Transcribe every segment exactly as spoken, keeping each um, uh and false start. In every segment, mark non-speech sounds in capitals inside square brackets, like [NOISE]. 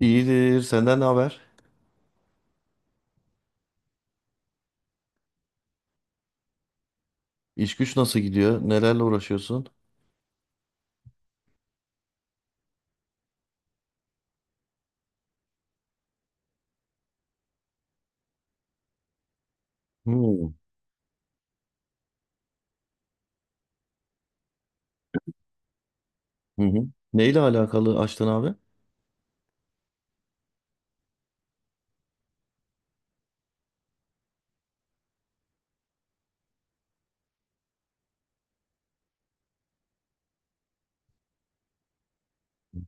İyidir. Senden ne haber? İş güç nasıl gidiyor? Nelerle uğraşıyorsun? Hmm. Hı hı. Neyle alakalı açtın abi? Hı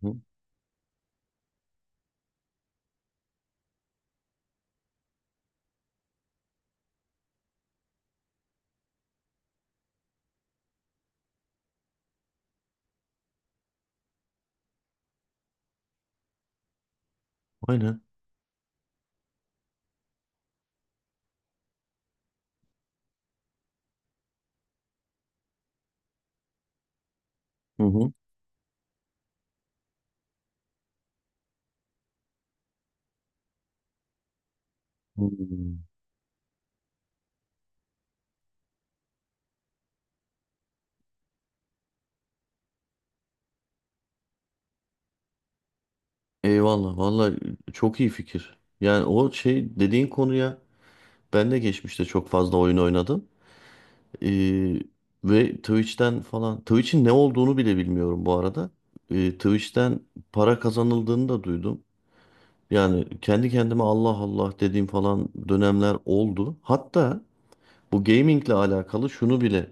hı. Aynen. Hı hı. Hmm. Eyvallah. Vallahi çok iyi fikir. Yani o şey dediğin konuya ben de geçmişte çok fazla oyun oynadım. Ee, ve Twitch'ten falan. Twitch'in ne olduğunu bile bilmiyorum bu arada. Ee, Twitch'ten para kazanıldığını da duydum. Yani kendi kendime Allah Allah dediğim falan dönemler oldu. Hatta bu gamingle alakalı şunu bile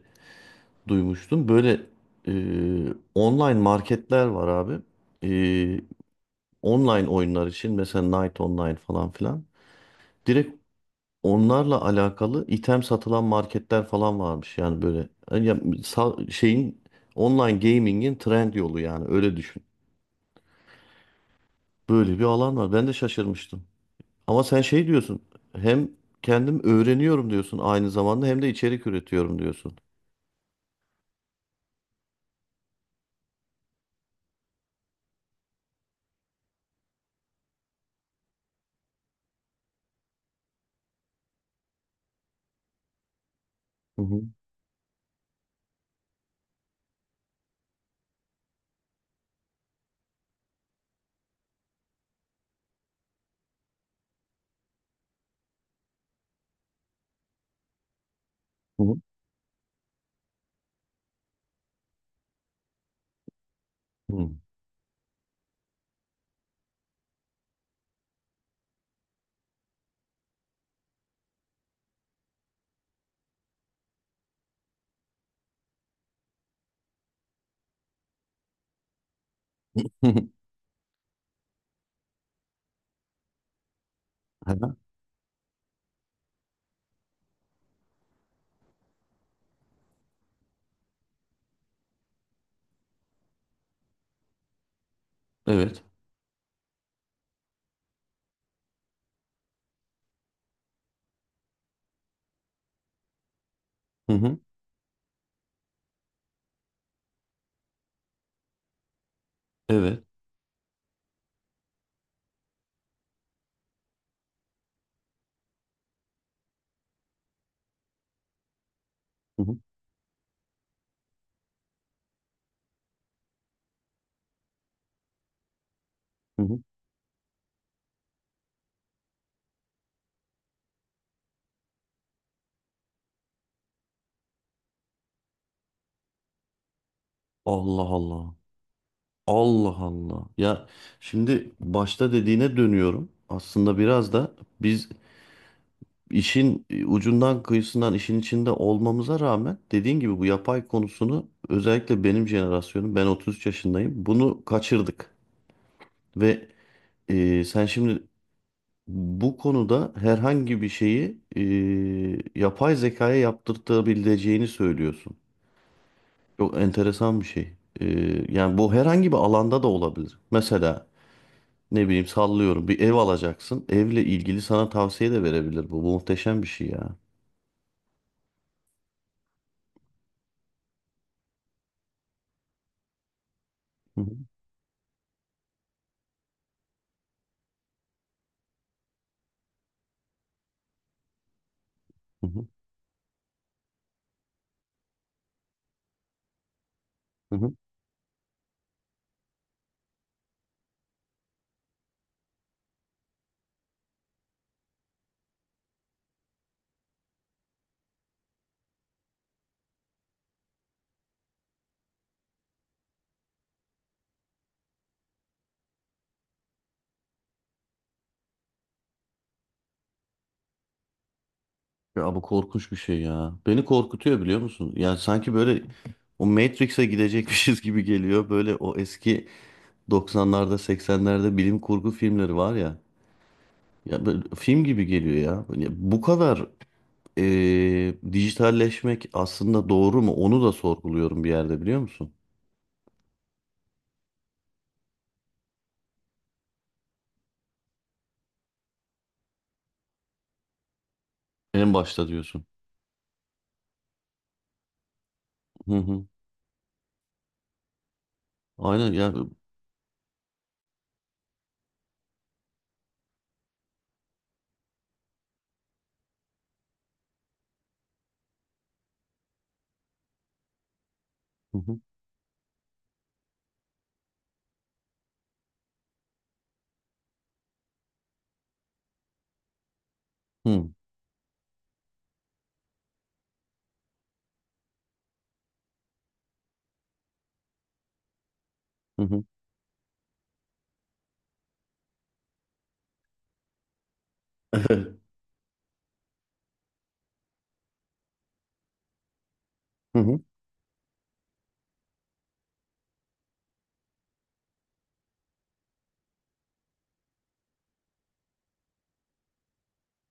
duymuştum. Böyle e, online marketler var abi. E, online oyunlar için mesela Night Online falan filan. Direkt onlarla alakalı item satılan marketler falan varmış. Yani böyle yani ya- sa- şeyin online gaming'in trend yolu yani öyle düşün. Böyle bir alan var. Ben de şaşırmıştım. Ama sen şey diyorsun. Hem kendim öğreniyorum diyorsun aynı zamanda hem de içerik üretiyorum diyorsun. Hı hı. Hı hı. Hı. [LAUGHS] Evet. Hı hı. Evet. Hı hı. Hı hı. Allah Allah. Allah Allah. Ya şimdi başta dediğine dönüyorum. Aslında biraz da biz işin e, ucundan kıyısından işin içinde olmamıza rağmen dediğin gibi bu yapay konusunu özellikle benim jenerasyonum ben otuz üç yaşındayım. Bunu kaçırdık ve e, sen şimdi bu konuda herhangi bir şeyi e, yapay zekaya yaptırtabileceğini söylüyorsun. Çok enteresan bir şey. Ee, yani bu herhangi bir alanda da olabilir. Mesela ne bileyim sallıyorum bir ev alacaksın. Evle ilgili sana tavsiye de verebilir bu. Bu muhteşem bir şey ya. Hı hı, hı hı, hı hı. Ya bu korkunç bir şey ya. Beni korkutuyor biliyor musun? Yani sanki böyle o Matrix'e gidecekmişiz [LAUGHS] gibi geliyor. Böyle o eski doksanlarda seksenlerde bilim kurgu filmleri var ya. Ya böyle film gibi geliyor ya. Ya bu kadar e, dijitalleşmek aslında doğru mu? Onu da sorguluyorum bir yerde biliyor musun? En başta diyorsun. Hı hı. Aynen ya. Hı hı. Hı hı. Hı. [LAUGHS] Evet. Hı hı.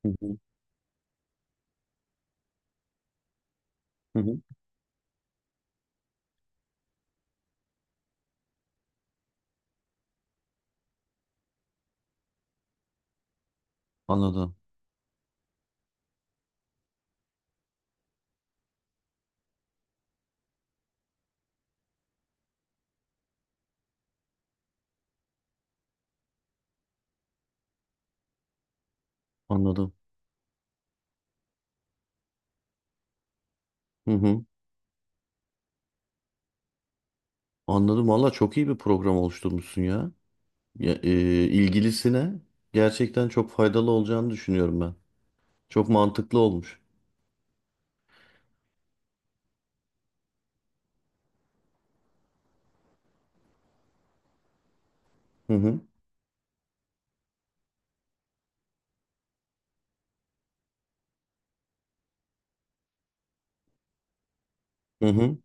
Hı hı. Hı hı. Anladım. Anladım. Hı hı. Anladım. Valla çok iyi bir program oluşturmuşsun ya. Ya, e, ilgilisine gerçekten çok faydalı olacağını düşünüyorum ben. Çok mantıklı olmuş. Hı hı. Hı hı.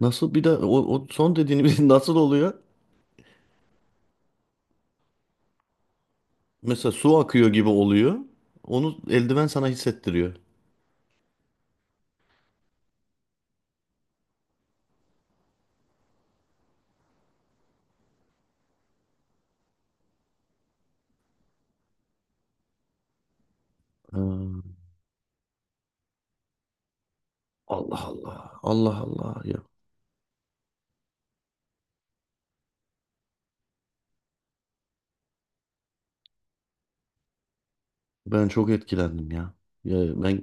Nasıl bir de o, o son dediğiniz [LAUGHS] nasıl oluyor? Mesela su akıyor gibi oluyor. Onu eldiven sana hissettiriyor. Ha, Allah Allah. Allah Allah ya. Ben çok etkilendim ya. Ya ben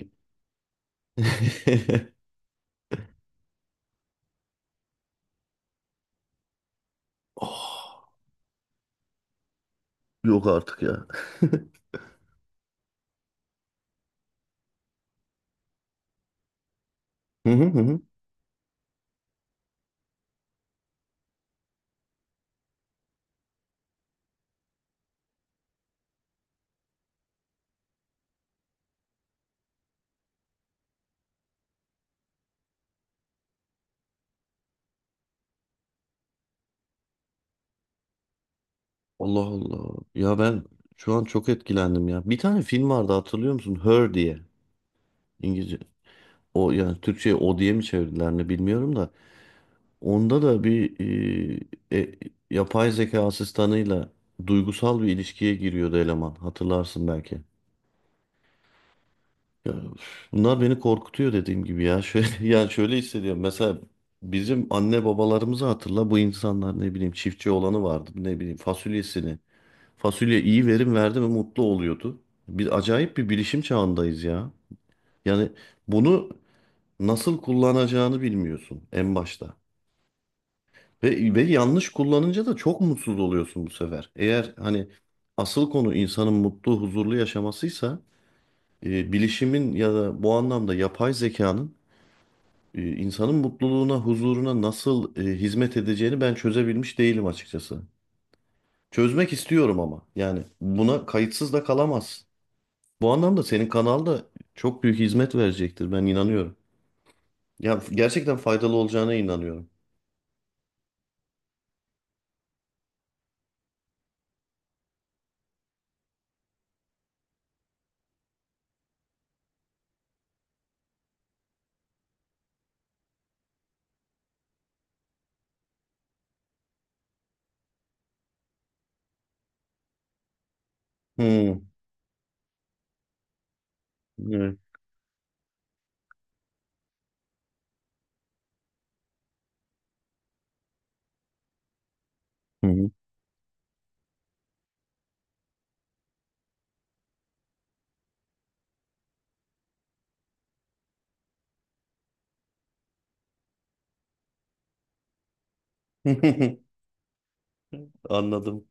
[LAUGHS] oh, yok artık ya. [LAUGHS] Hı hı hı. Hı. Allah Allah. Ya ben şu an çok etkilendim ya. Bir tane film vardı hatırlıyor musun? Her diye. İngilizce. O yani Türkçe'ye o diye mi çevirdiler ne bilmiyorum da. Onda da bir e, e, yapay zeka asistanıyla duygusal bir ilişkiye giriyordu eleman. Hatırlarsın belki. Ya, üf, bunlar beni korkutuyor dediğim gibi ya. Şöyle, [LAUGHS] yani şöyle hissediyorum. Mesela bizim anne babalarımızı hatırla. Bu insanlar ne bileyim çiftçi olanı vardı. Ne bileyim fasulyesini. Fasulye iyi verim verdi mi mutlu oluyordu. Bir acayip bir bilişim çağındayız ya. Yani bunu nasıl kullanacağını bilmiyorsun en başta. Ve, ve yanlış kullanınca da çok mutsuz oluyorsun bu sefer. Eğer hani asıl konu insanın mutlu, huzurlu yaşamasıysa e, bilişimin ya da bu anlamda yapay zekanın e, insanın mutluluğuna, huzuruna nasıl e, hizmet edeceğini ben çözebilmiş değilim açıkçası. Çözmek istiyorum ama yani buna kayıtsız da kalamaz. Bu anlamda senin kanal da çok büyük hizmet verecektir ben inanıyorum. Ya gerçekten faydalı olacağına inanıyorum. Hmm, evet. Hı hı. [LAUGHS] Anladım.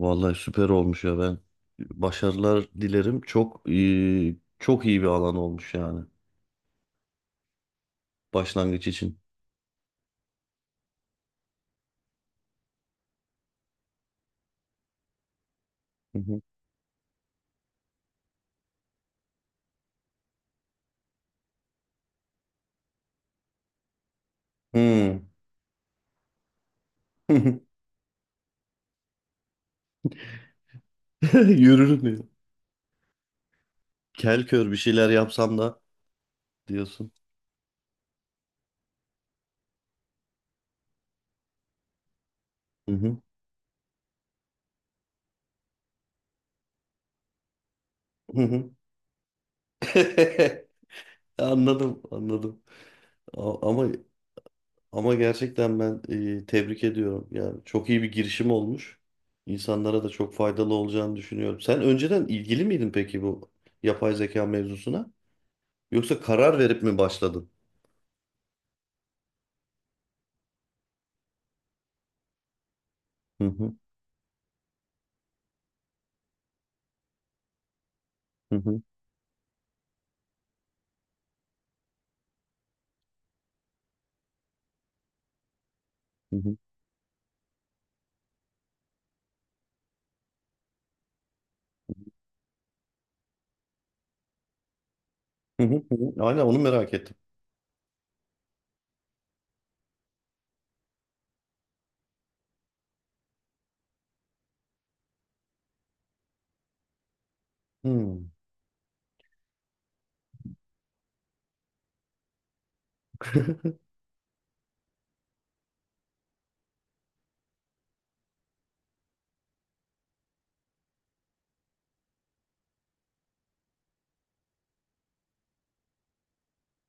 Vallahi süper olmuş ya ben başarılar dilerim. Çok eee, çok iyi bir alan olmuş yani başlangıç için. Hı hı. Hmm. [LAUGHS] Yürürüm diyor. Kel kör bir şeyler yapsam da diyorsun. Hı hı. Hı hı. [LAUGHS] Anladım, anladım. A- ama ama gerçekten ben eee, tebrik ediyorum. Yani çok iyi bir girişim olmuş. İnsanlara da çok faydalı olacağını düşünüyorum. Sen önceden ilgili miydin peki bu yapay zeka mevzusuna? Yoksa karar verip mi başladın? Hı hı, hı hı, hı hı, hı hı, hı hı. Hala onu merak ettim. Hmm. [LAUGHS]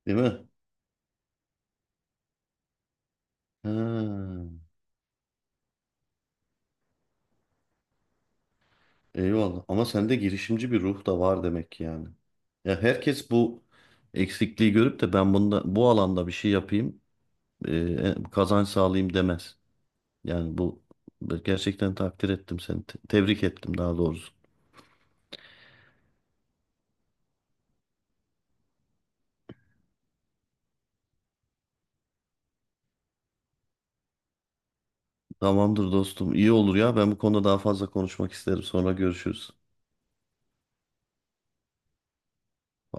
Değil mi? Ha, eyvallah. Ama sende girişimci bir ruh da var demek ki yani. Ya herkes bu eksikliği görüp de ben bunda bu alanda bir şey yapayım, e, kazanç sağlayayım demez. Yani bu gerçekten takdir ettim seni. te- tebrik ettim daha doğrusu. Tamamdır dostum. İyi olur ya. Ben bu konuda daha fazla konuşmak isterim. Sonra görüşürüz.